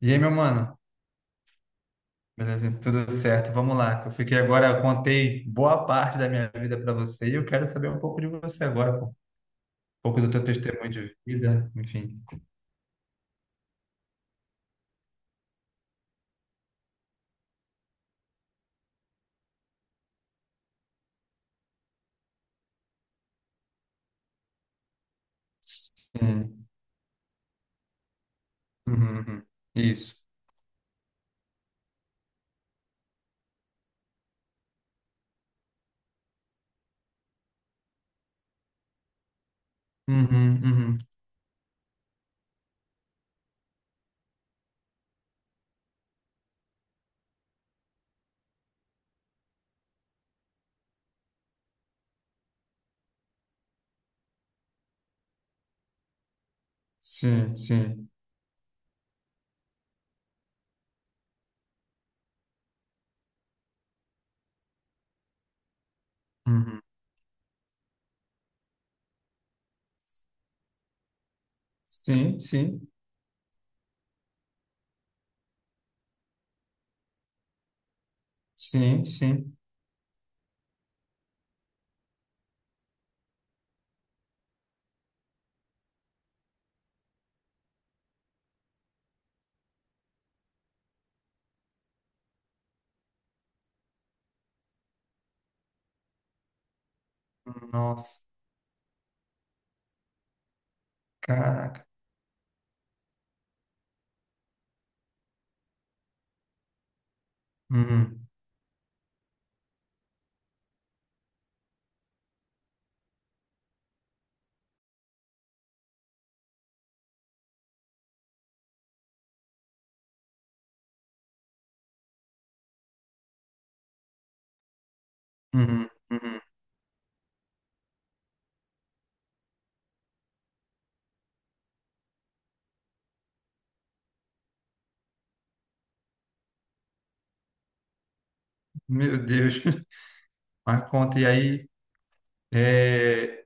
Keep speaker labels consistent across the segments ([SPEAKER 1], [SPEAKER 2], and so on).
[SPEAKER 1] E aí, meu mano? Beleza, tudo certo? Vamos lá. Eu contei boa parte da minha vida para você e eu quero saber um pouco de você agora, pô, um pouco do teu testemunho de vida, enfim. Sim. Uhum, uhum. Isso. Uhum, uhum. Sim, sim. Uhum. Sim, sim. Sim, sim. Nossa, caraca. Uhum, uhum, uhum. Meu Deus. Mas conta, e aí? é,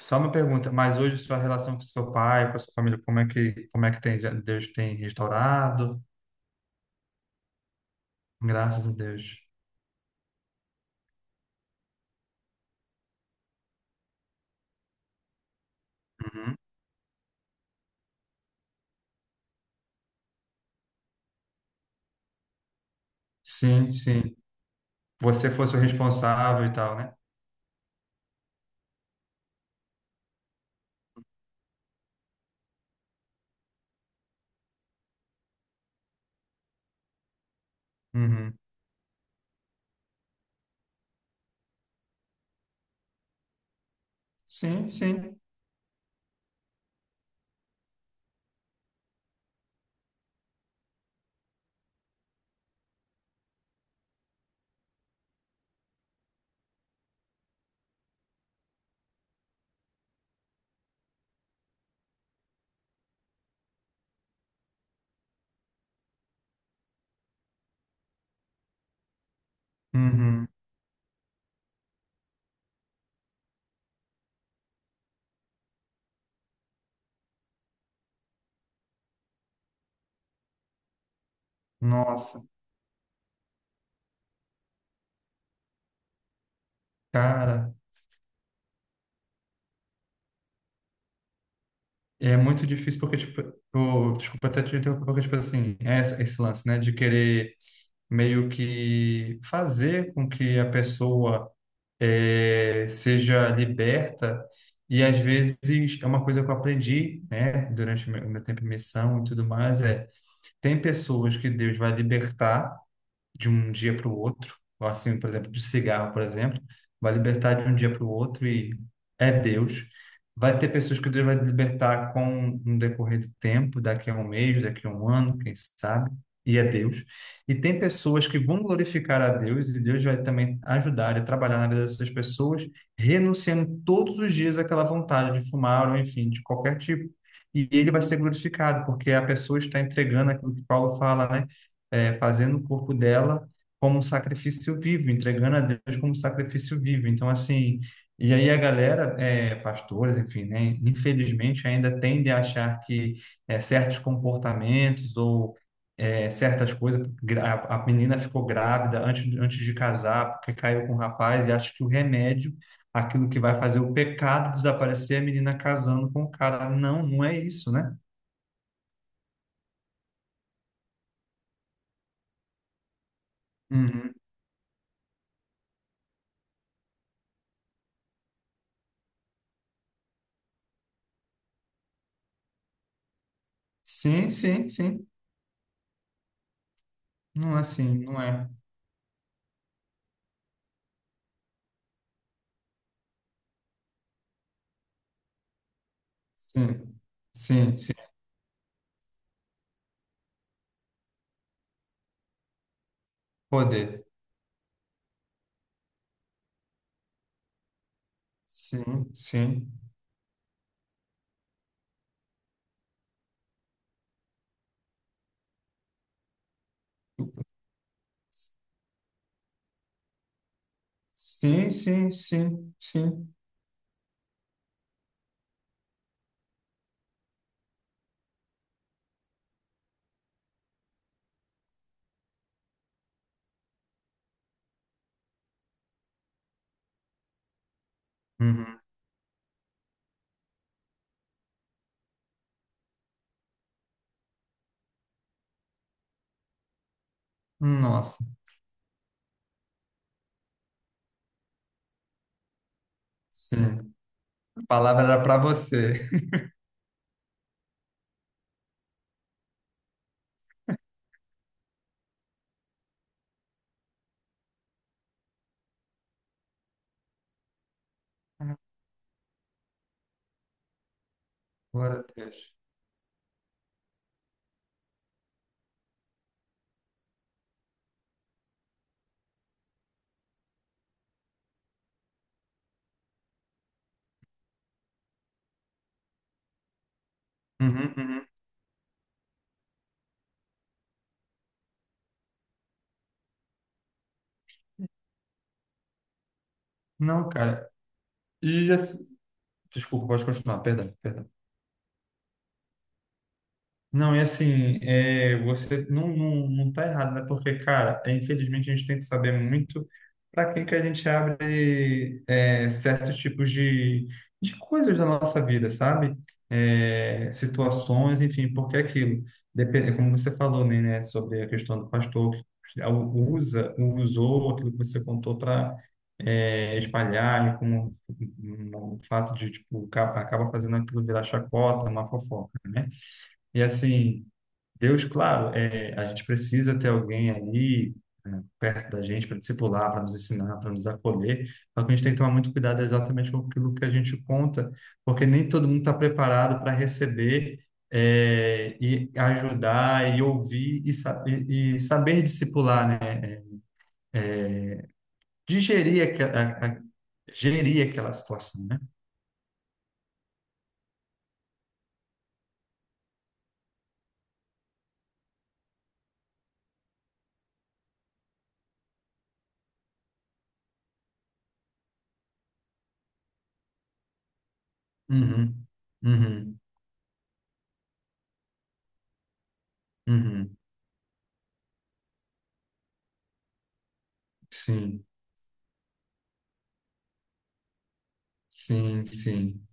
[SPEAKER 1] Só uma pergunta, mas hoje sua relação com seu pai, com a sua família, como é que tem, Deus tem restaurado? Graças a Deus. Uhum. Sim, sim. Você fosse o responsável e tal, né? Uhum. Sim, sim. Uhum. Nossa, cara, é muito difícil porque, tipo, desculpa até te interromper, porque, tipo assim, é esse lance, né, de querer meio que fazer com que a pessoa seja liberta. E às vezes é uma coisa que eu aprendi, né, durante o meu tempo em missão e tudo mais, tem pessoas que Deus vai libertar de um dia para o outro, ou assim, por exemplo, do cigarro, por exemplo, vai libertar de um dia para o outro e é Deus. Vai ter pessoas que Deus vai libertar com um decorrer do tempo, daqui a um mês, daqui a um ano, quem sabe, e é Deus. E tem pessoas que vão glorificar a Deus e Deus vai também ajudar e trabalhar na vida dessas pessoas, renunciando todos os dias àquela vontade de fumar ou enfim, de qualquer tipo. E ele vai ser glorificado, porque a pessoa está entregando aquilo que Paulo fala, né? Fazendo o corpo dela como um sacrifício vivo, entregando a Deus como um sacrifício vivo. Então, assim, e aí a galera, pastores, enfim, né, infelizmente ainda tende a achar que certos comportamentos ou certas coisas, a menina ficou grávida antes de casar, porque caiu com o rapaz, e acha que o remédio, aquilo que vai fazer o pecado desaparecer, é a menina casando com o cara. Não, não é isso, né? Uhum. Sim, sim, sim. Não é assim, não é. Sim, sim, sim. Poder. Sim, sim. Sim, sim, sim, sim. Uhum. Nossa, sim. A palavra era para você. Glória a Deus. Uhum, uhum. Não, cara. E assim... Desculpa, pode continuar, perdão, perdão. Não, e assim, é, você não tá errado, né? Porque, cara, infelizmente a gente tem que saber muito para quem que a gente abre certos tipos de coisas da nossa vida, sabe? Situações, enfim, porque é aquilo. Depende, como você falou, né, sobre a questão do pastor que usou aquilo que você contou para espalhar, e como um fato de, tipo, acaba fazendo aquilo virar chacota, uma fofoca, né? E assim. Deus, claro, a gente precisa ter alguém ali é, perto da gente para discipular, para nos ensinar, para nos acolher. Só que a gente tem que tomar muito cuidado exatamente com aquilo que a gente conta, porque nem todo mundo está preparado para receber e ajudar e ouvir e saber discipular, né? Digerir aque- a- Gerir aquela situação, né? Uhum, uhum, uhum. Sim, sim, sim,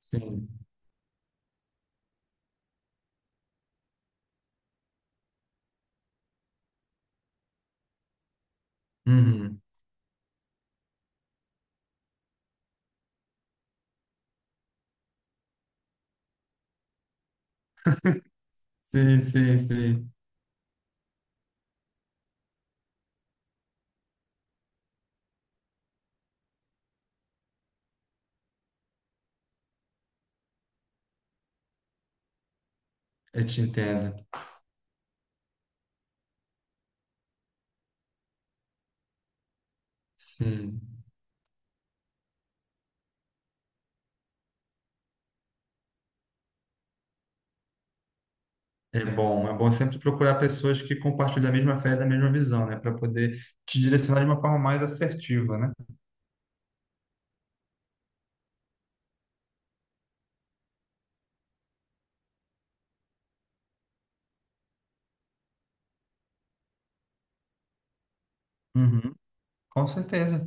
[SPEAKER 1] sim. Uhum. Sim, sim, sim. Eu te entendo. Sim. É bom. É bom sempre procurar pessoas que compartilham a mesma fé e da mesma visão, né? Para poder te direcionar de uma forma mais assertiva, né? Uhum. Com certeza.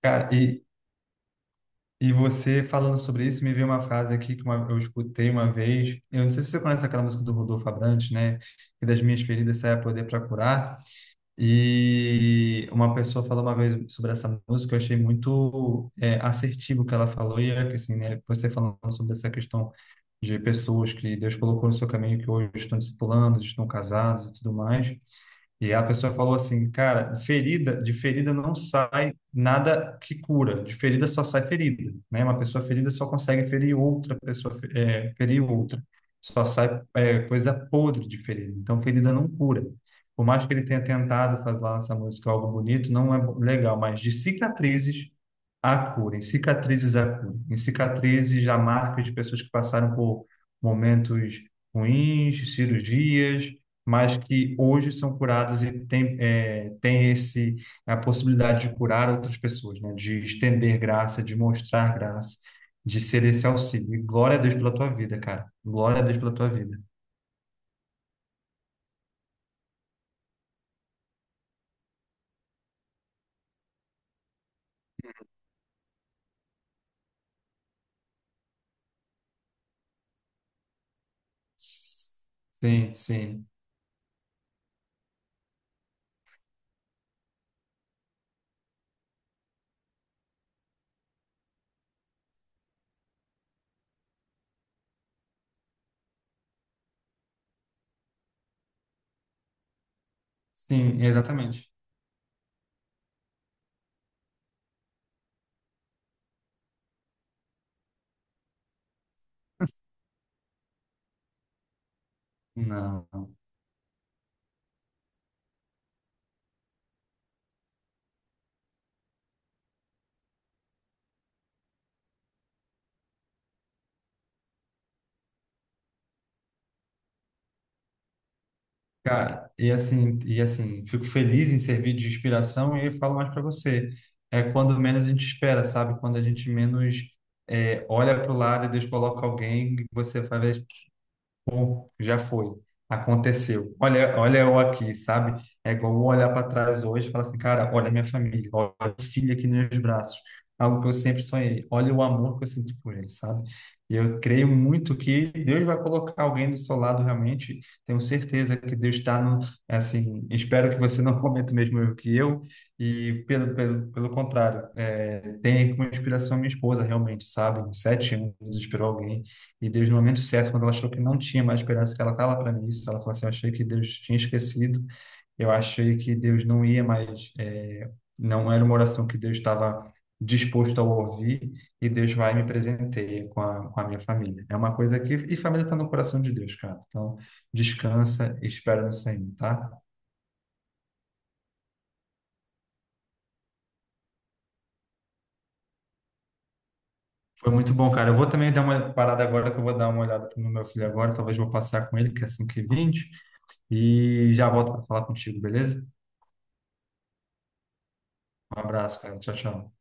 [SPEAKER 1] Cara, e você falando sobre isso, me veio uma frase aqui que eu escutei uma vez. Eu não sei se você conhece aquela música do Rodolfo Abrantes, né? Que das minhas feridas sai a poder para curar. E uma pessoa falou uma vez sobre essa música, eu achei muito assertivo o que ela falou, e é que assim, né, você falando sobre essa questão de pessoas que Deus colocou no seu caminho, que hoje estão discipulando, estão casados e tudo mais, e a pessoa falou assim, cara, ferida, de ferida não sai nada que cura, de ferida só sai ferida, né? Uma pessoa ferida só consegue ferir outra pessoa, ferir outra, só sai coisa podre de ferida. Então, ferida não cura. Por mais que ele tenha tentado fazer lá essa música algo bonito, não é legal. Mas de cicatrizes a cura, em cicatrizes a cura, em cicatrizes a marca de pessoas que passaram por momentos ruins, cirurgias, mas que hoje são curadas e tem, tem esse, a possibilidade de curar outras pessoas, né? De estender graça, de mostrar graça, de ser esse auxílio. E glória a Deus pela tua vida, cara. Glória a Deus pela tua vida. Sim, sim, sim, exatamente. Não. Cara, fico feliz em servir de inspiração e falo mais para você. É quando menos a gente espera, sabe? Quando a gente menos olha para o lado e Deus coloca alguém, você vai ver. Pô, já foi, aconteceu. Olha, olha eu aqui, sabe? É igual eu olhar para trás hoje e falar assim, cara, olha a minha família, olha o filho aqui nos meus braços, algo que eu sempre sonhei. Olha o amor que eu sinto por ele, sabe? E eu creio muito que Deus vai colocar alguém do seu lado realmente. Tenho certeza que Deus está no, é assim, espero que você não cometa o mesmo erro que eu. E pelo contrário, tem como inspiração minha esposa, realmente, sabe? Em 7 anos inspirou alguém e Deus, no momento certo, quando ela achou que não tinha mais esperança, que ela estava para mim isso, ela falou assim: eu achei que Deus tinha esquecido, eu achei que Deus não ia mais, não era uma oração que Deus estava disposto a ouvir, e Deus vai e me presenteia com a minha família. É uma coisa que. E família está no coração de Deus, cara. Então, descansa e espera no Senhor, tá? Foi muito bom, cara. Eu vou também dar uma parada agora, que eu vou dar uma olhada no meu filho agora, talvez vou passar com ele, que é 5:20 e já volto para falar contigo, beleza? Um abraço, cara. Tchau, tchau.